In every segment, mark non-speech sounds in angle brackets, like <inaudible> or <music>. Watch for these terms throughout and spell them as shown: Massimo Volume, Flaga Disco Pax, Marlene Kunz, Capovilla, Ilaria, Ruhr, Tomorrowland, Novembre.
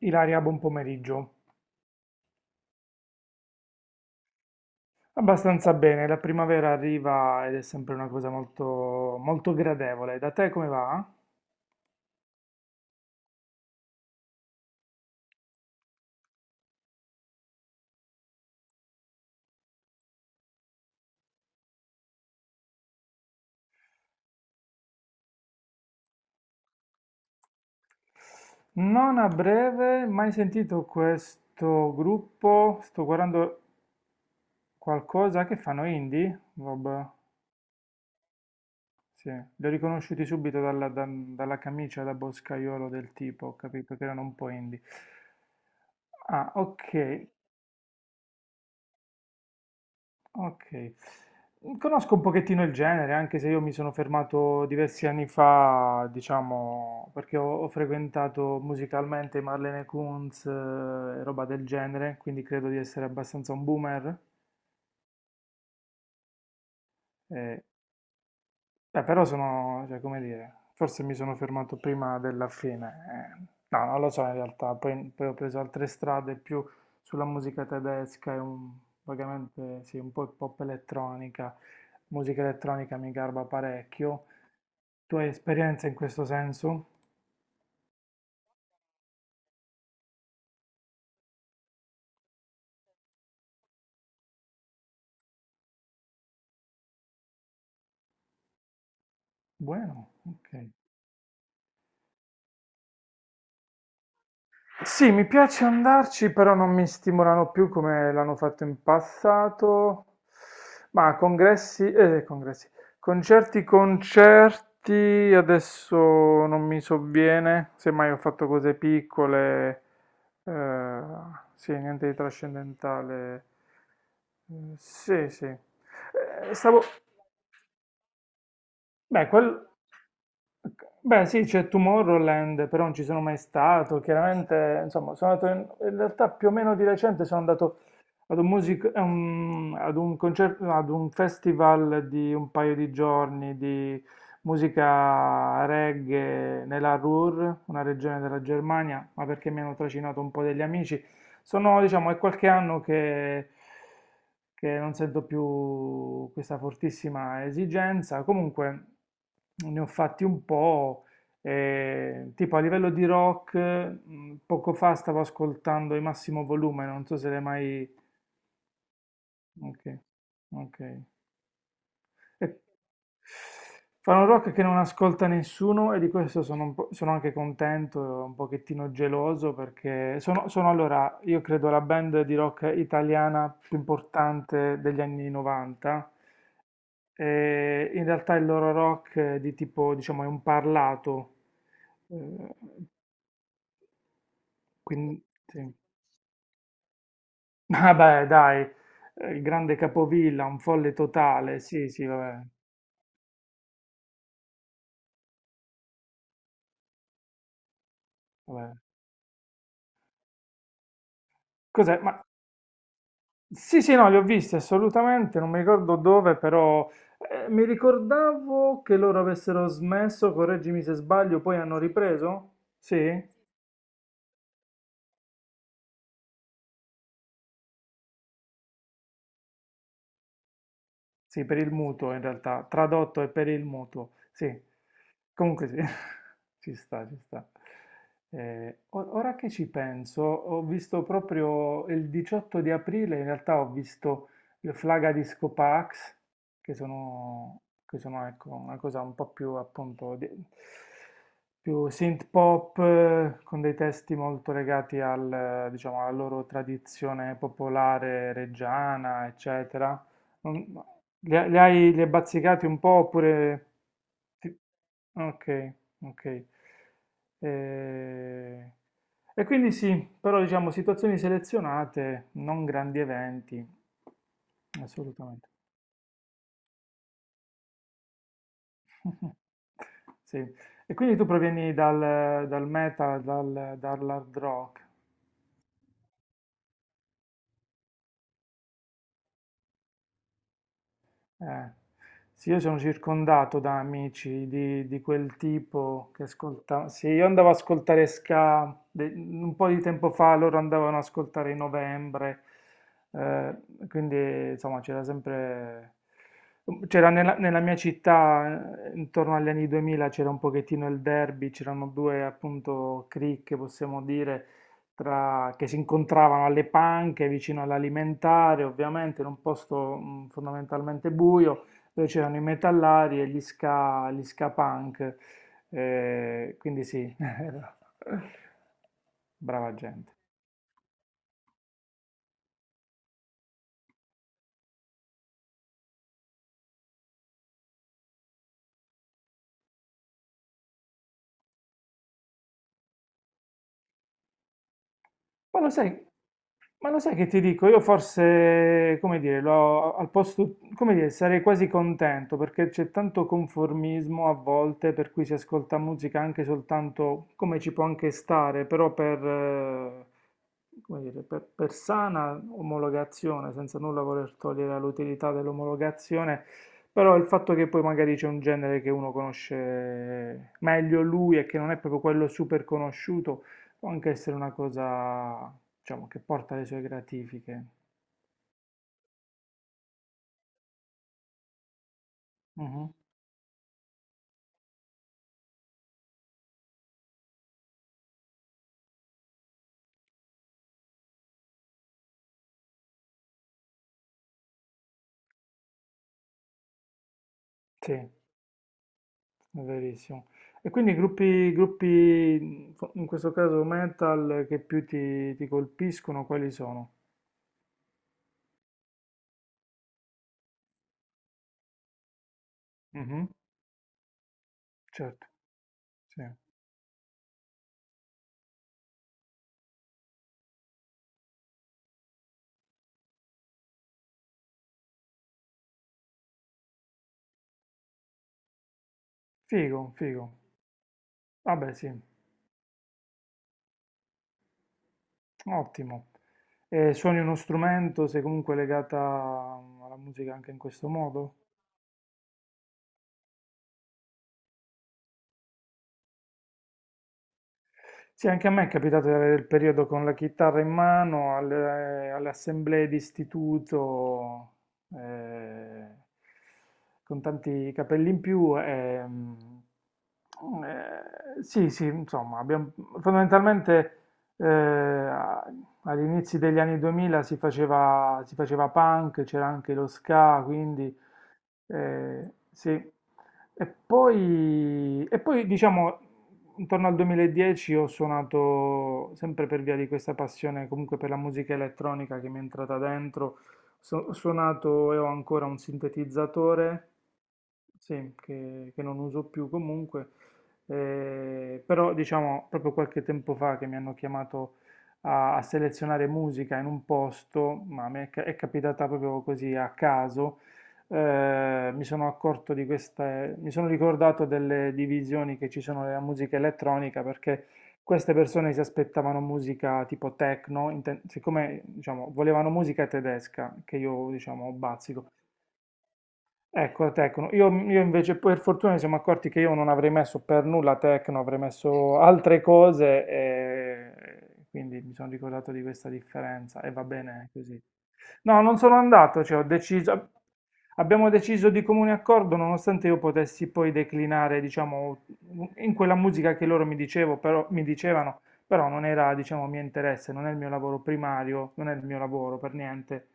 Ilaria, buon pomeriggio. Abbastanza bene, la primavera arriva ed è sempre una cosa molto, molto gradevole. Da te come va? Non a breve, mai sentito questo gruppo, sto guardando qualcosa che fanno indie? Vabbè, sì, li ho riconosciuti subito dalla camicia da boscaiolo del tipo, ho capito che erano un po' indie. Ah, ok. Ok. Conosco un pochettino il genere, anche se io mi sono fermato diversi anni fa, diciamo, perché ho frequentato musicalmente Marlene Kunz e roba del genere, quindi credo di essere abbastanza un boomer. eh, Però sono, cioè, come dire, forse mi sono fermato prima della fine. No, non lo so in realtà, poi ho preso altre strade più sulla musica tedesca e un, vagamente, sì, un po' pop elettronica. Musica elettronica mi garba parecchio. Tu hai esperienza in questo senso? Buono, ok. Sì, mi piace andarci, però non mi stimolano più come l'hanno fatto in passato. Ma concerti, adesso non mi sovviene, semmai ho fatto cose piccole, eh, sì, niente di trascendentale. Mm, sì, sì. Stavo... Beh, quel... Beh, sì, c'è Tomorrowland, però non ci sono mai stato. Chiaramente, insomma, sono andato in realtà più o meno di recente sono andato ad un concerto, no, ad un festival di un paio di giorni di musica reggae nella Ruhr, una regione della Germania, ma perché mi hanno trascinato un po' degli amici. Sono, diciamo, è qualche anno che non sento più questa fortissima esigenza. Comunque ne ho fatti un po'. E, tipo a livello di rock, poco fa stavo ascoltando i Massimo Volume, non so se l'hai mai. Okay, okay. <laughs> Fanno rock che non ascolta nessuno e di questo sono un po' sono anche contento, un pochettino geloso perché sono allora, io credo la band di rock italiana più importante degli anni 90 e in realtà il loro rock è di tipo, diciamo, è un parlato. Eh, quindi, sì. <laughs> Vabbè, dai, il grande Capovilla, un folle totale, sì, sì, vabbè, vabbè. Cos'è? Ma sì, sì, no, li ho visti assolutamente, non mi ricordo dove, però mi ricordavo che loro avessero smesso, correggimi se sbaglio, poi hanno ripreso? Sì? Sì, per il mutuo in realtà, tradotto è per il mutuo, sì. Comunque sì, <laughs> ci sta, ci sta. Ora che ci penso, ho visto proprio il 18 di aprile, in realtà ho visto le Flaga Disco Pax, che sono, ecco, una cosa un po' più appunto più synth pop, con dei testi molto legati diciamo, alla loro tradizione popolare reggiana, eccetera. Non- li hai bazzicati un po' oppure ti, okay, okay. Ehm, e quindi sì, però diciamo situazioni selezionate, non grandi eventi. Assolutamente. <laughs> Sì. E quindi tu provieni dal metal, dall'hard rock? Eh, sì, io sono circondato da amici di quel tipo che ascoltavano. Sì, io andavo ad ascoltare ska un po' di tempo fa, loro andavano ad ascoltare i Novembre, eh, quindi insomma c'era sempre... C'era nella mia città, intorno agli anni 2000, c'era un pochettino il derby, c'erano due appunto cricche, possiamo dire, che si incontravano alle panche vicino all'alimentare, ovviamente in un posto fondamentalmente buio, dove c'erano i metallari e gli ska punk. Quindi sì, <laughs> brava gente. Ma lo sai, ma lo sai che ti dico? Io forse, come dire, al posto, come dire, sarei quasi contento perché c'è tanto conformismo a volte per cui si ascolta musica anche soltanto come ci può anche stare, però per, come dire, per sana omologazione, senza nulla voler togliere l'utilità dell'omologazione, però il fatto che poi magari c'è un genere che uno conosce meglio lui e che non è proprio quello super conosciuto. Può anche essere una cosa, diciamo, che porta le sue gratifiche. Mhm. Sì, è verissimo. E quindi gruppi, in questo caso metal, che più ti colpiscono, quali sono? Mhm, certo, sì. Figo, figo. Vabbè, sì, ottimo. E suoni uno strumento, sei comunque legata alla musica anche in questo modo? Sì, anche a me è capitato di avere il periodo con la chitarra in mano alle assemblee di istituto, eh, con tanti capelli in più. E, sì, sì, insomma, abbiamo, fondamentalmente eh, a- agli inizi degli anni 2000 si faceva punk, c'era anche lo ska, quindi sì, e poi diciamo intorno al 2010 ho suonato sempre per via di questa passione comunque per la musica elettronica che mi è entrata dentro, ho suonato e ho ancora un sintetizzatore sì, che non uso più comunque, però diciamo proprio qualche tempo fa che mi hanno chiamato a selezionare musica in un posto, ma è capitata proprio così a caso, mi sono accorto di queste, mi sono ricordato delle divisioni che ci sono nella musica elettronica perché queste persone si aspettavano musica tipo techno, siccome diciamo, volevano musica tedesca, che io diciamo bazzico. Ecco, tecno. Io invece, per fortuna, ci siamo accorti che io non avrei messo per nulla Tecno, avrei messo altre cose e quindi mi sono ricordato di questa differenza e va bene così. No, non sono andato, cioè abbiamo deciso di comune accordo, nonostante io potessi poi declinare, diciamo, in quella musica che loro mi dicevano, però non era, diciamo, mio interesse, non è il mio lavoro primario, non è il mio lavoro per niente.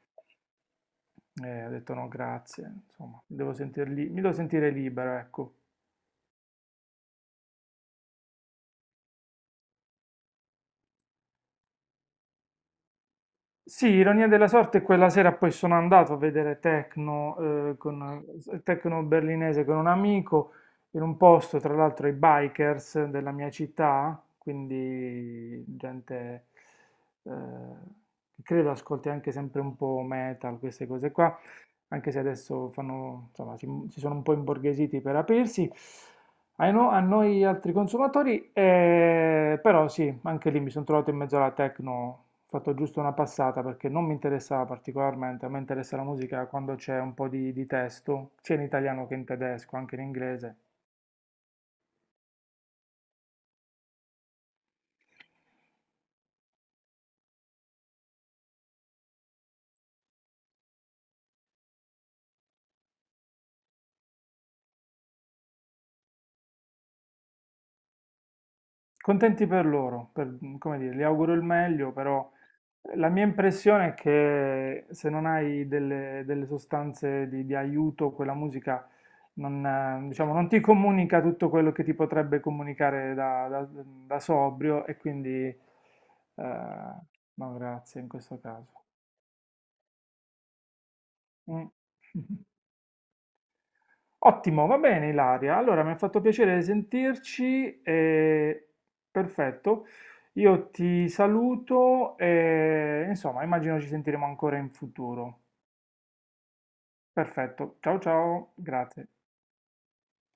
Ho detto no, grazie, insomma, mi devo sentire libero, ecco. Sì, ironia della sorte, quella sera poi sono andato a vedere techno, techno berlinese con un amico in un posto, tra l'altro i bikers della mia città, quindi gente eh, che credo ascolti anche sempre un po' metal, queste cose qua, anche se adesso fanno, insomma, si sono un po' imborghesiti per aprirsi. Ai no- a noi altri consumatori, però sì, anche lì mi sono trovato in mezzo alla techno, ho fatto giusto una passata perché non mi interessava particolarmente, a me interessa la musica quando c'è un po' di testo, sia in italiano che in tedesco, anche in inglese. Contenti per loro, come dire, gli auguro il meglio, però la mia impressione è che se non hai delle sostanze di aiuto, quella musica non, diciamo, non ti comunica tutto quello che ti potrebbe comunicare da sobrio e quindi no, grazie in questo caso. Mm. <laughs> Ottimo, va bene Ilaria. Allora, mi ha fatto piacere sentirci e perfetto. Io ti saluto e insomma, immagino ci sentiremo ancora in futuro. Perfetto, ciao ciao, grazie.